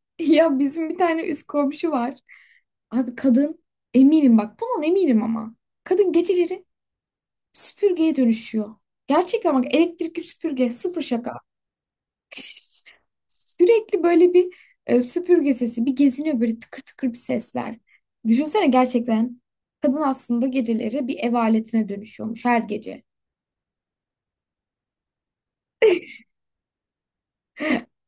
Ya bizim bir tane üst komşu var. Abi, kadın eminim, bak bundan eminim ama. Kadın geceleri süpürgeye dönüşüyor. Gerçekten bak, elektrikli süpürge, sıfır şaka. Sürekli böyle bir süpürge sesi bir geziniyor, böyle tıkır tıkır bir sesler. Düşünsene gerçekten, kadın aslında geceleri bir ev aletine dönüşüyormuş her gece.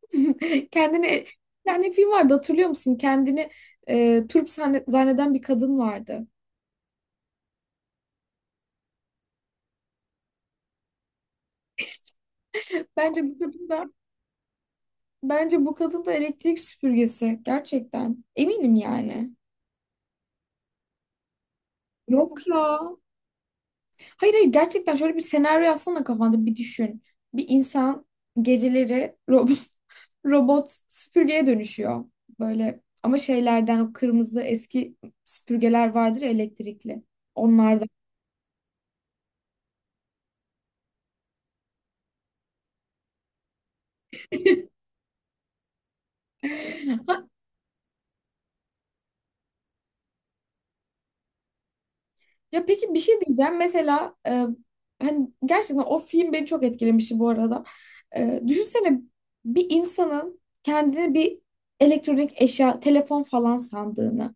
Kendini bir tane film vardı, hatırlıyor musun? Kendini turp zanneden bir kadın vardı. Bence bu kadın da Bence bu kadın da elektrik süpürgesi. Gerçekten. Eminim yani. Yok ya. Hayır hayır, gerçekten şöyle bir senaryo yazsana, kafanda bir düşün. Bir insan geceleri robot, robot süpürgeye dönüşüyor. Böyle, ama şeylerden, o kırmızı eski süpürgeler vardır ya, elektrikli. Onlardan. Ya peki, bir şey diyeceğim. Mesela hani gerçekten o film beni çok etkilemişti bu arada. Düşünsene bir insanın kendini bir elektronik eşya, telefon falan sandığını.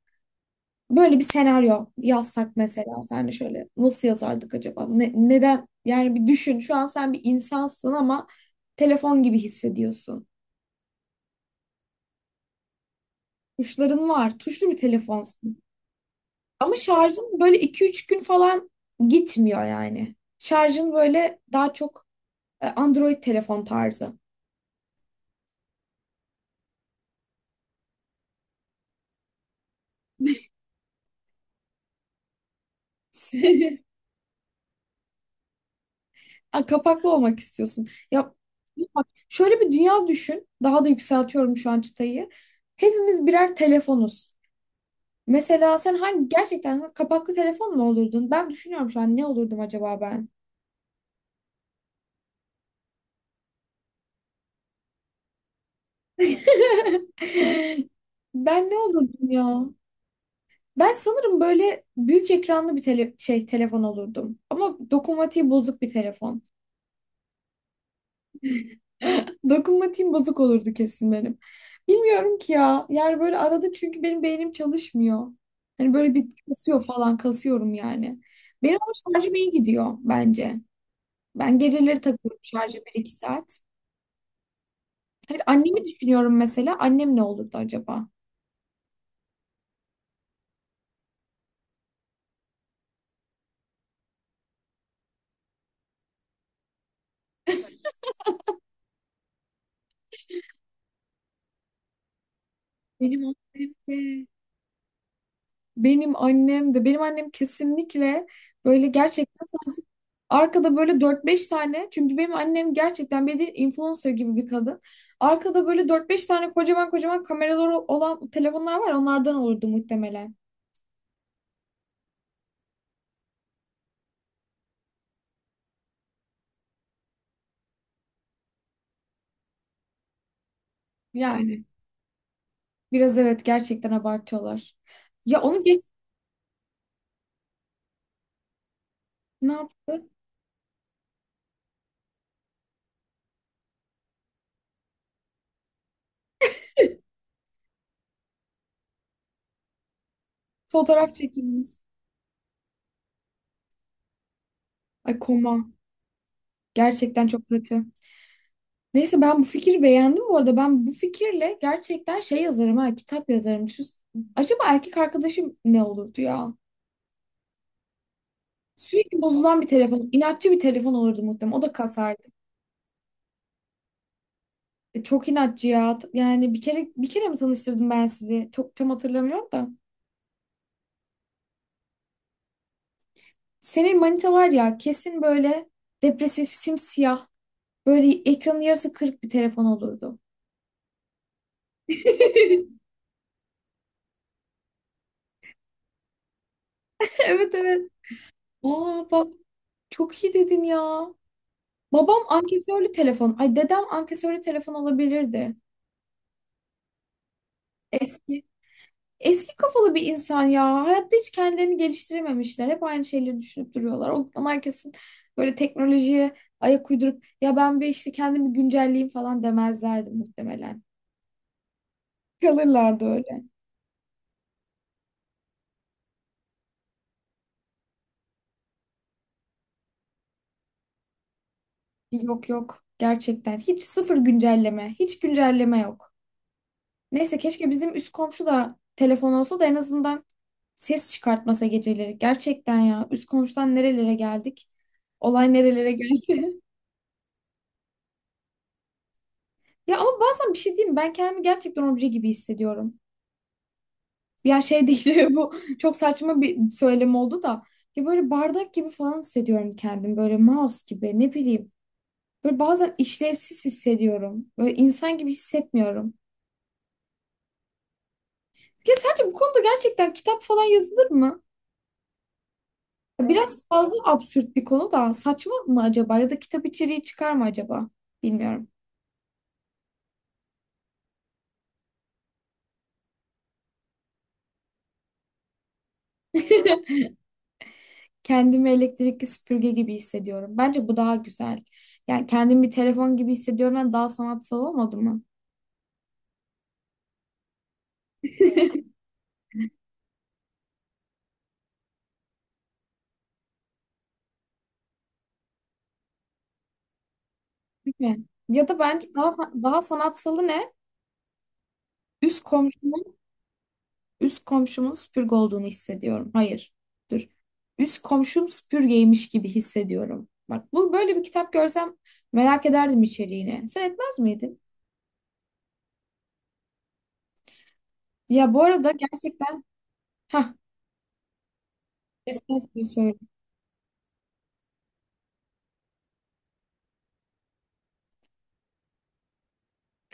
Böyle bir senaryo yazsak mesela, sen şöyle nasıl yazardık acaba? Neden? Yani bir düşün. Şu an sen bir insansın ama telefon gibi hissediyorsun. Tuşların var. Tuşlu bir telefonsun. Ama şarjın böyle iki üç gün falan gitmiyor yani. Şarjın böyle daha çok, Android telefon tarzı. Ha, kapaklı olmak istiyorsun. Ya, bak şöyle bir dünya düşün. Daha da yükseltiyorum şu an çıtayı. Hepimiz birer telefonuz. Mesela sen hangi, gerçekten sen kapaklı telefon mu olurdun? Ben düşünüyorum şu an, ne olurdum acaba ben? Ben ne olurdum ya? Ben sanırım böyle büyük ekranlı bir telefon olurdum. Ama dokunmatiği bozuk bir telefon. Dokunmatiğim bozuk olurdu kesin benim. Bilmiyorum ki ya. Yani böyle arada, çünkü benim beynim çalışmıyor. Hani böyle bir kasıyor falan, kasıyorum yani. Benim ama şarjım iyi gidiyor bence. Ben geceleri takıyorum şarja bir iki saat. Hani annemi düşünüyorum mesela. Annem ne olurdu acaba? Benim annem de Benim annem de benim annem kesinlikle böyle, gerçekten sanki arkada böyle dört beş tane, çünkü benim annem gerçekten bir influencer gibi bir kadın. Arkada böyle dört beş tane kocaman kocaman kameraları olan telefonlar var, onlardan olurdu muhtemelen. Yani biraz, evet, gerçekten abartıyorlar. Ya onu geç. Ne yaptı? Fotoğraf çekilmiş. Ay koma. Gerçekten çok kötü. Neyse, ben bu fikri beğendim bu arada. Ben bu fikirle gerçekten şey yazarım, ha, kitap yazarım. Şu, acaba erkek arkadaşım ne olurdu ya? Sürekli bozulan bir telefon, inatçı bir telefon olurdu muhtemelen. O da kasardı. Çok inatçı ya. Yani bir kere, bir kere mi tanıştırdım ben sizi? Çok tam hatırlamıyorum da. Senin manita var ya, kesin böyle depresif, simsiyah, böyle ekranın yarısı kırık bir telefon olurdu. Evet evet. Aa bak, çok iyi dedin ya. Babam ankesörlü telefon. Ay, dedem ankesörlü telefon olabilirdi. Eski. Eski kafalı bir insan ya. Hayatta hiç kendilerini geliştirememişler. Hep aynı şeyleri düşünüp duruyorlar. Onlar kesin böyle teknolojiye ayak uydurup, ya ben bir işte kendimi güncelleyeyim falan demezlerdi muhtemelen. Kalırlardı öyle. Yok yok. Gerçekten. Hiç, sıfır güncelleme. Hiç güncelleme yok. Neyse, keşke bizim üst komşu da telefon olsa da en azından ses çıkartmasa geceleri. Gerçekten ya, üst komşudan nerelere geldik? Olay nerelere geldi? Ya ama bazen, bir şey diyeyim mi? Ben kendimi gerçekten obje gibi hissediyorum. Ya şey değil, bu çok saçma bir söylem oldu da. Ya, böyle bardak gibi falan hissediyorum kendimi. Böyle mouse gibi, ne bileyim. Böyle bazen işlevsiz hissediyorum. Böyle insan gibi hissetmiyorum. Ya sence bu konuda gerçekten kitap falan yazılır mı? Biraz fazla absürt bir konu da, saçma mı acaba, ya da kitap içeriği çıkar mı acaba? Bilmiyorum. Kendimi elektrikli süpürge gibi hissediyorum. Bence bu daha güzel. Yani, kendimi bir telefon gibi hissediyorum, daha sanatsal olmadı mı? Değil mi? Ya da bence daha sanatsalı ne? Üst komşumun üst komşumun süpürge olduğunu hissediyorum. Hayır. Dur. Üst komşum süpürgeymiş gibi hissediyorum. Bak, bu böyle bir kitap görsem, merak ederdim içeriğini. Sen etmez miydin? Ya bu arada gerçekten. Heh. Kesinlikle söyle.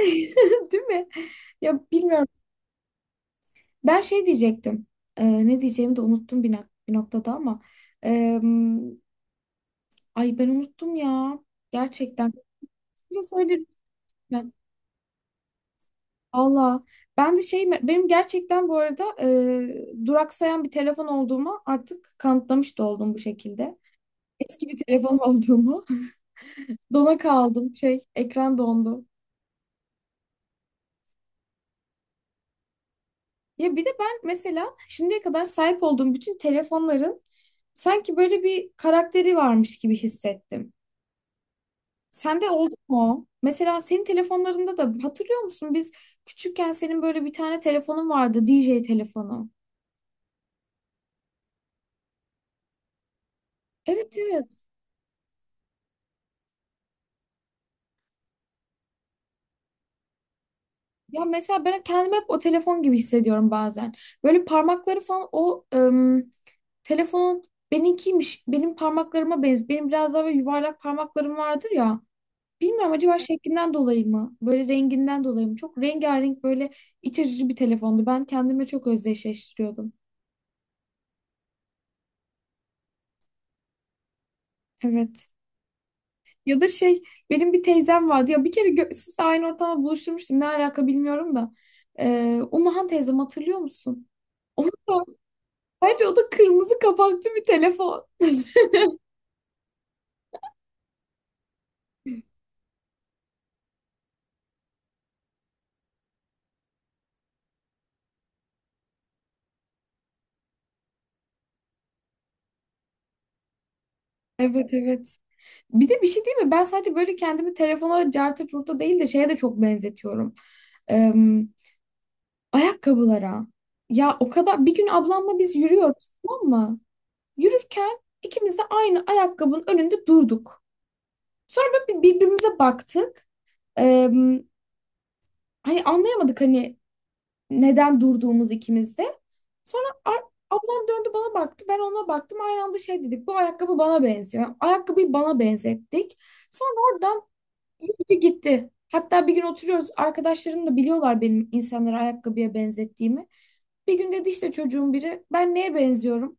Değil mi? Ya bilmiyorum. Ben şey diyecektim. Ne diyeceğimi de unuttum bir noktada ama. Ee, ay ben unuttum ya. Gerçekten. Kesinlikle söylerim ben. Valla. Ben de şey, benim gerçekten bu arada duraksayan bir telefon olduğuma artık kanıtlamış da oldum bu şekilde. Eski bir telefon olduğumu. Dona kaldım, şey, ekran dondu. Ya bir de ben mesela şimdiye kadar sahip olduğum bütün telefonların sanki böyle bir karakteri varmış gibi hissettim. Sende oldu mu o? Mesela senin telefonlarında da hatırlıyor musun? Biz küçükken senin böyle bir tane telefonun vardı, DJ telefonu. Evet evet. Ya mesela ben kendimi hep o telefon gibi hissediyorum bazen. Böyle parmakları falan, o telefonun benimkiymiş. Benim parmaklarıma benziyor. Benim biraz daha böyle yuvarlak parmaklarım vardır ya. Bilmiyorum, acaba şeklinden dolayı mı, böyle renginden dolayı mı? Çok rengarenk, böyle iç açıcı bir telefondu. Ben kendime çok özdeşleştiriyordum. Evet. Ya da şey, benim bir teyzem vardı. Ya bir kere siz de aynı ortamda buluşturmuştum. Ne alaka bilmiyorum da. Umuhan teyzem, hatırlıyor musun? Onun da, bence o da kırmızı kapaklı bir telefon. Evet evet. Bir de bir şey değil mi? Ben sadece böyle kendimi telefona carta curta değil de, şeye de çok benzetiyorum. Eee, ayakkabılara. Ya o kadar, bir gün ablamla biz yürüyoruz, tamam mı? Yürürken ikimiz de aynı ayakkabının önünde durduk. Sonra böyle birbirimize baktık. Eee, hani anlayamadık, hani neden durduğumuz ikimiz de. Sonra ablam döndü, bana baktı. Ben ona baktım. Aynı anda şey dedik. Bu ayakkabı bana benziyor. Ayakkabıyı bana benzettik. Sonra gitti gitti. Hatta bir gün oturuyoruz. Arkadaşlarım da biliyorlar benim insanları ayakkabıya benzettiğimi. Bir gün dedi işte çocuğun biri, ben neye benziyorum?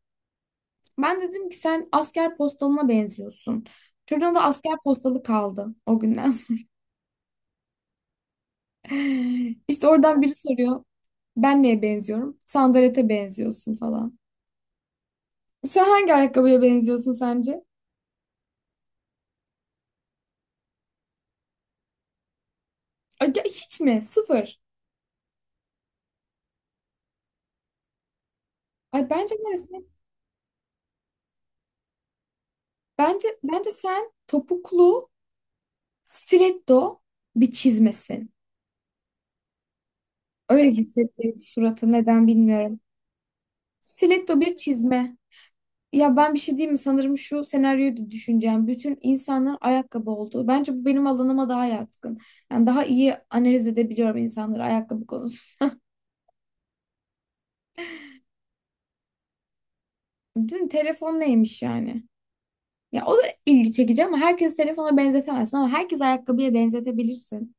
Ben dedim ki, sen asker postalına benziyorsun. Çocuğun da asker postalı kaldı o günden sonra. İşte oradan biri soruyor, ben neye benziyorum? Sandalete benziyorsun falan. Sen hangi ayakkabıya benziyorsun sence? Ay, ya hiç mi? Sıfır. Ay, bence neresi? Bence sen topuklu stiletto bir çizmesin. Öyle hissettirdi suratı, neden bilmiyorum. Stiletto bir çizme. Ya ben bir şey diyeyim mi? Sanırım şu senaryoyu da düşüneceğim. Bütün insanların ayakkabı olduğu. Bence bu benim alanıma daha yatkın. Yani daha iyi analiz edebiliyorum insanları ayakkabı konusunda. Değil mi? Telefon neymiş yani? Ya, o da ilgi çekici ama herkes telefona benzetemezsin, ama herkes ayakkabıya benzetebilirsin.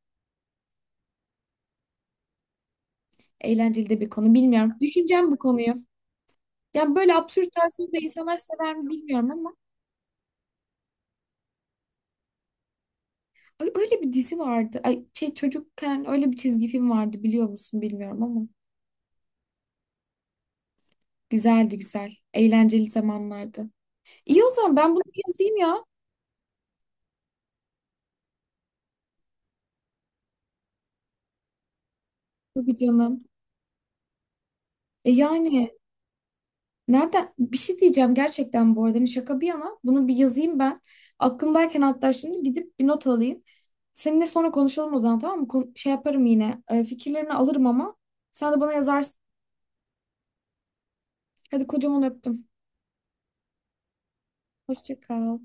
Eğlenceli de bir konu, bilmiyorum. Düşüneceğim bu konuyu. Yani böyle absürt tarzları da insanlar sever mi bilmiyorum ama. Ay, öyle bir dizi vardı. Ay, şey, çocukken öyle bir çizgi film vardı, biliyor musun bilmiyorum ama. Güzeldi güzel. Eğlenceli zamanlardı. İyi, o zaman ben bunu bir yazayım ya. Tabii canım. E yani, nereden bir şey diyeceğim gerçekten bu arada. Hani, şaka bir yana, bunu bir yazayım ben. Aklımdayken, hatta şimdi gidip bir not alayım. Seninle sonra konuşalım o zaman, tamam mı? Şey yaparım yine. Fikirlerini alırım ama sen de bana yazarsın. Hadi, kocaman öptüm. Hoşça kal.